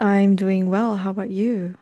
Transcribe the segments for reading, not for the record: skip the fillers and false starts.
I'm doing well. How about you?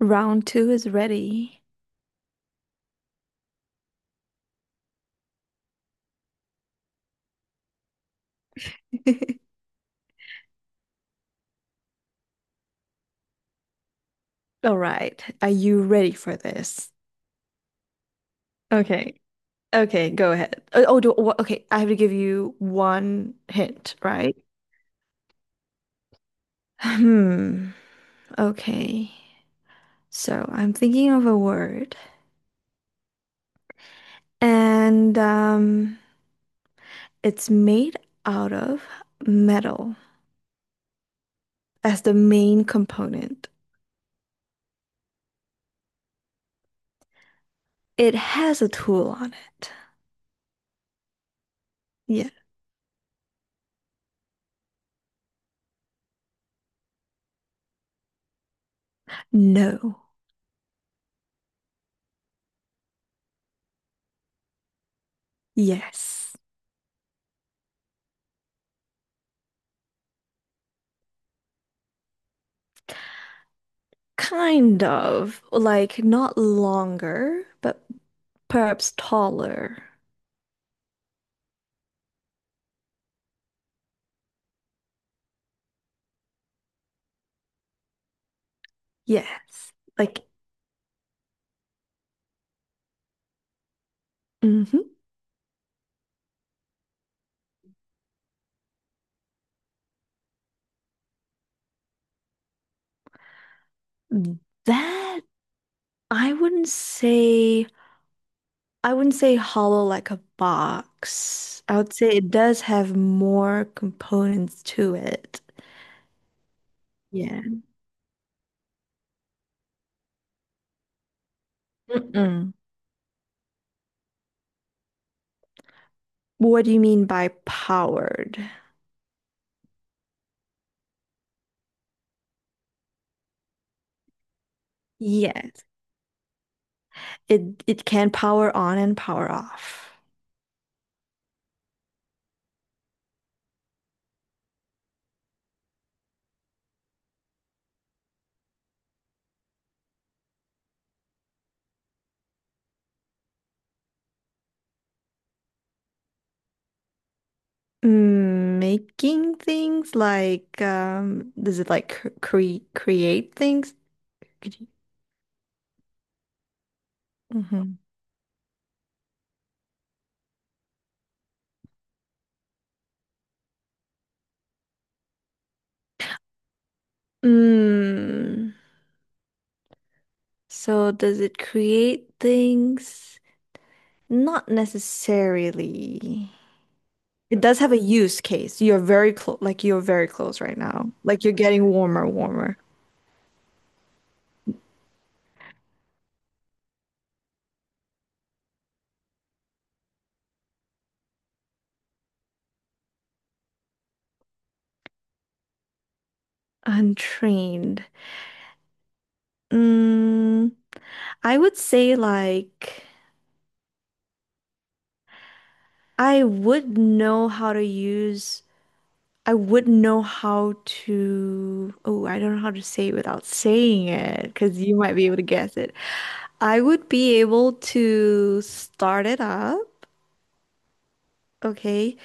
Round two is ready. All right. Are you ready for this? Okay. Okay, go ahead. Okay. I have to give you one hint, right? Hmm. Okay. So I'm thinking of a word, and it's made out of metal as the main component. It has a tool on it. Yeah. No. Yes. Kind of. Like not longer, but perhaps taller. Yes. Like hmm That I wouldn't say I wouldn't say hollow like a box. I would say it does have more components to it. Yeah. Mm-mm. What do you mean by powered? Yes. It can power on and power off. Making things like does it like create things? Could you- Mhm. Mm, so does it create things? Not necessarily. It does have a use case. You're very close, like you're very close right now. Like you're getting warmer, warmer. Untrained. Mm, I would say, like, I would know how to use. I wouldn't know how to. Oh, I don't know how to say it without saying it because you might be able to guess it. I would be able to start it up, okay,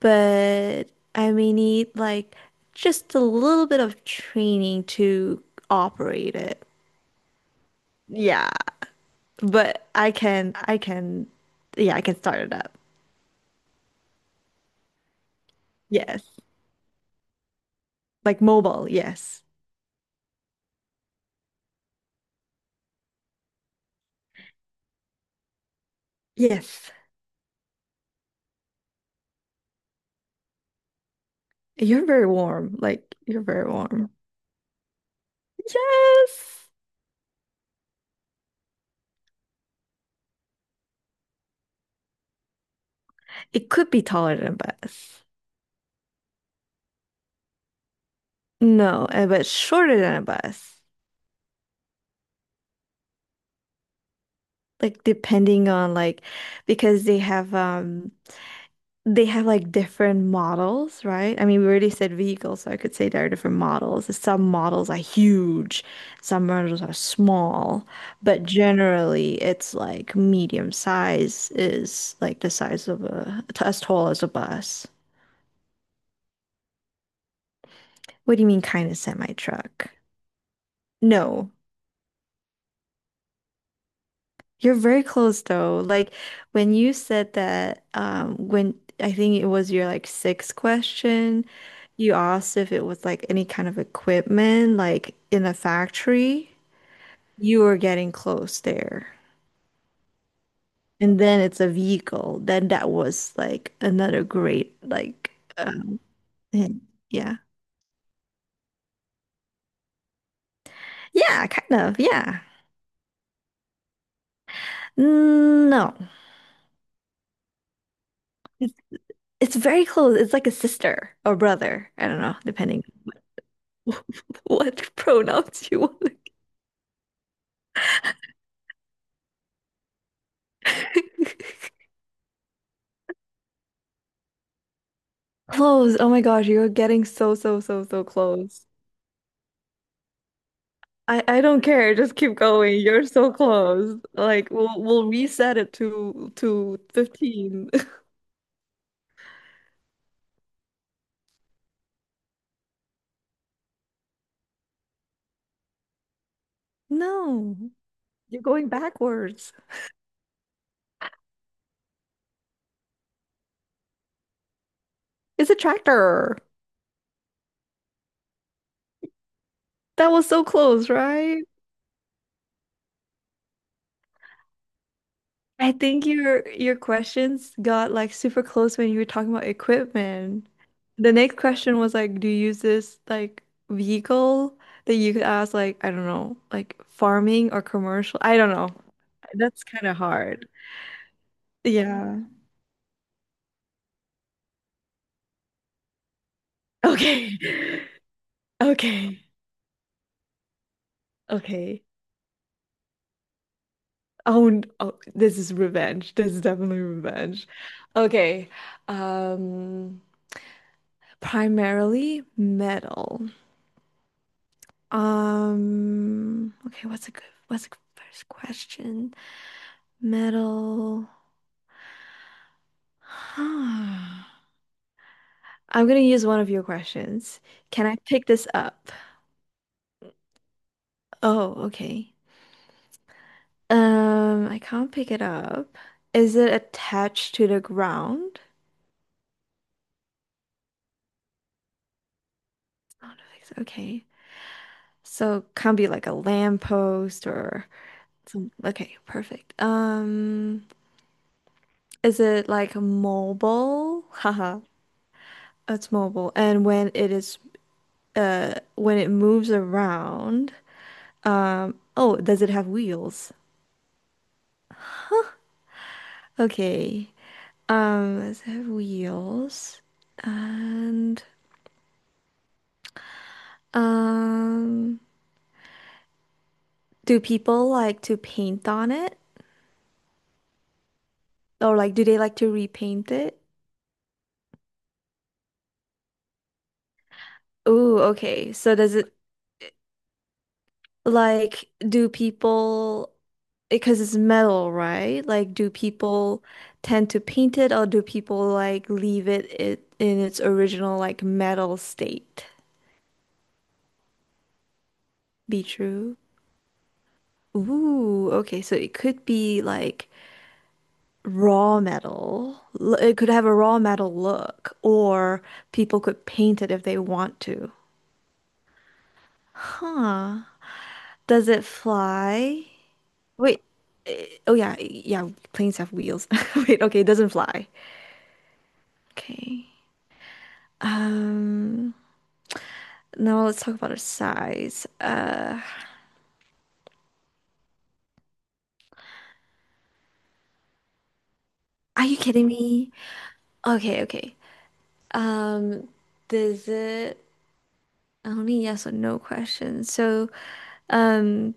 but I may need like just a little bit of training to operate it. Yeah, but yeah, I can start it up. Yes, like mobile. Yes, yes. You're very warm. Like you're very warm. Yes. It could be taller than a bus. No, but shorter than a bus. Like depending on like because they have like different models, right? I mean, we already said vehicles, so I could say there are different models. Some models are huge, some models are small, but generally it's like medium size is like the size of a as tall as a bus. What do you mean kind of semi truck? No. You're very close though. Like when you said that, when I think it was your like sixth question, you asked if it was like any kind of equipment, like in a factory, you were getting close there. And then it's a vehicle. Then that was like another great, like uh, hint. Yeah. Yeah, kind of. Yeah. Mm, no. It's it's very close. It's like a sister or brother. I don't know, depending what pronouns you want. Close. Oh my gosh, you're getting so, so, so, so close. I don't care. Just keep going. You're so close. Like we'll reset it to 15. No, you're going backwards. It's a tractor. That was so close, right? I think your questions got like super close when you were talking about equipment. The next question was like, do you use this like vehicle, that you could ask like, I don't know, like farming or commercial? I don't know. That's kind of hard. Yeah. Okay. Okay. Okay. Oh, this is revenge. This is definitely revenge. Okay. Um, primarily metal. Okay, what's a good first question? Metal. Huh. I'm gonna use one of your questions. Can I pick this up? Oh, okay. I can't pick it up. Is it attached to the ground? I don't so. Okay. So can't be like a lamppost or some, okay, perfect. Is it like mobile? Haha, it's mobile. And when it moves around, oh, does it have wheels? Okay. Does it have wheels? And um Do people like to paint on it? Or like do they like to repaint it? Ooh, okay. So does it like, do people, because it's metal, right? Like, do people tend to paint it, or do people like leave it in its original like metal state? Be true. Ooh, okay. So it could be like raw metal. It could have a raw metal look, or people could paint it if they want to. Huh. Does it fly? Wait. Oh yeah, yeah, planes have wheels. Wait, okay, it doesn't fly. Okay. Um, now let's talk about its size. Are you kidding me? Okay, okay. Um, does it oh, only yes or no question. So, um,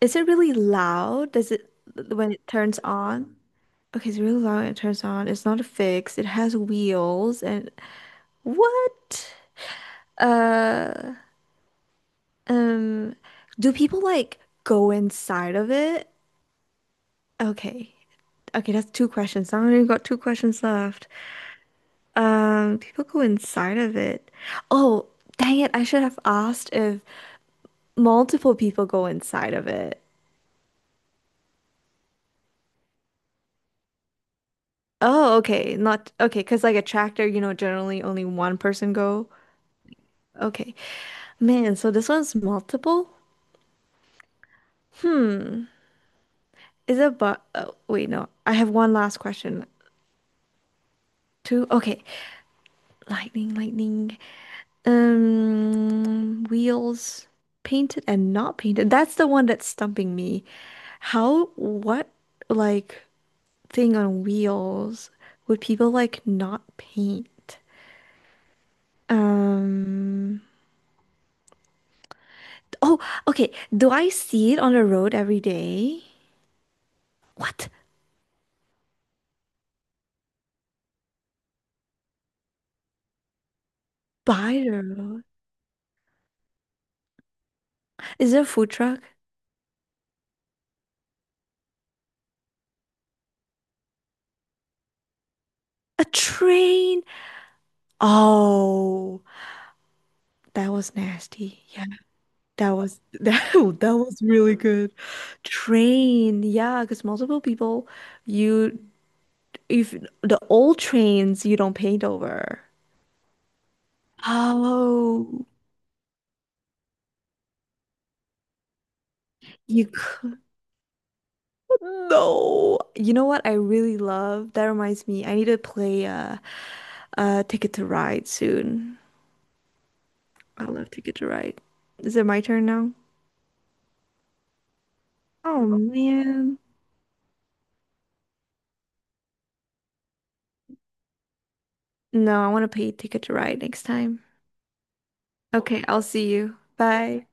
is it really loud? Does it, when it turns on? Okay, it's really loud when it turns on. It's not fixed. It has wheels and what? Uh, Um, do people like go inside of it? Okay. Okay, that's two questions. I've only got two questions left. People go inside of it. Oh, dang it. I should have asked if multiple people go inside of it. Oh, okay. Not okay, because like a tractor, generally only one person go. Okay. Man, so this one's multiple? Hmm. Is it but oh, wait, no. I have one last question. Two. Okay. Lightning, lightning. Wheels, painted and not painted. That's the one that's stumping me. How, what, like, thing on wheels would people like not paint? Um, oh, okay. Do I see it on the road every day? What? By the road? Is there a food truck? A train? Oh, that was nasty. Yeah. That was that was really good. Train, yeah, because multiple people, you if the old trains you don't paint over. Oh, you could no. You know what I really love? That reminds me, I need to play Ticket to Ride soon. I love Ticket to Ride. Is it my turn now? Oh man. No, I want to play Ticket to Ride next time. Okay, I'll see you. Bye.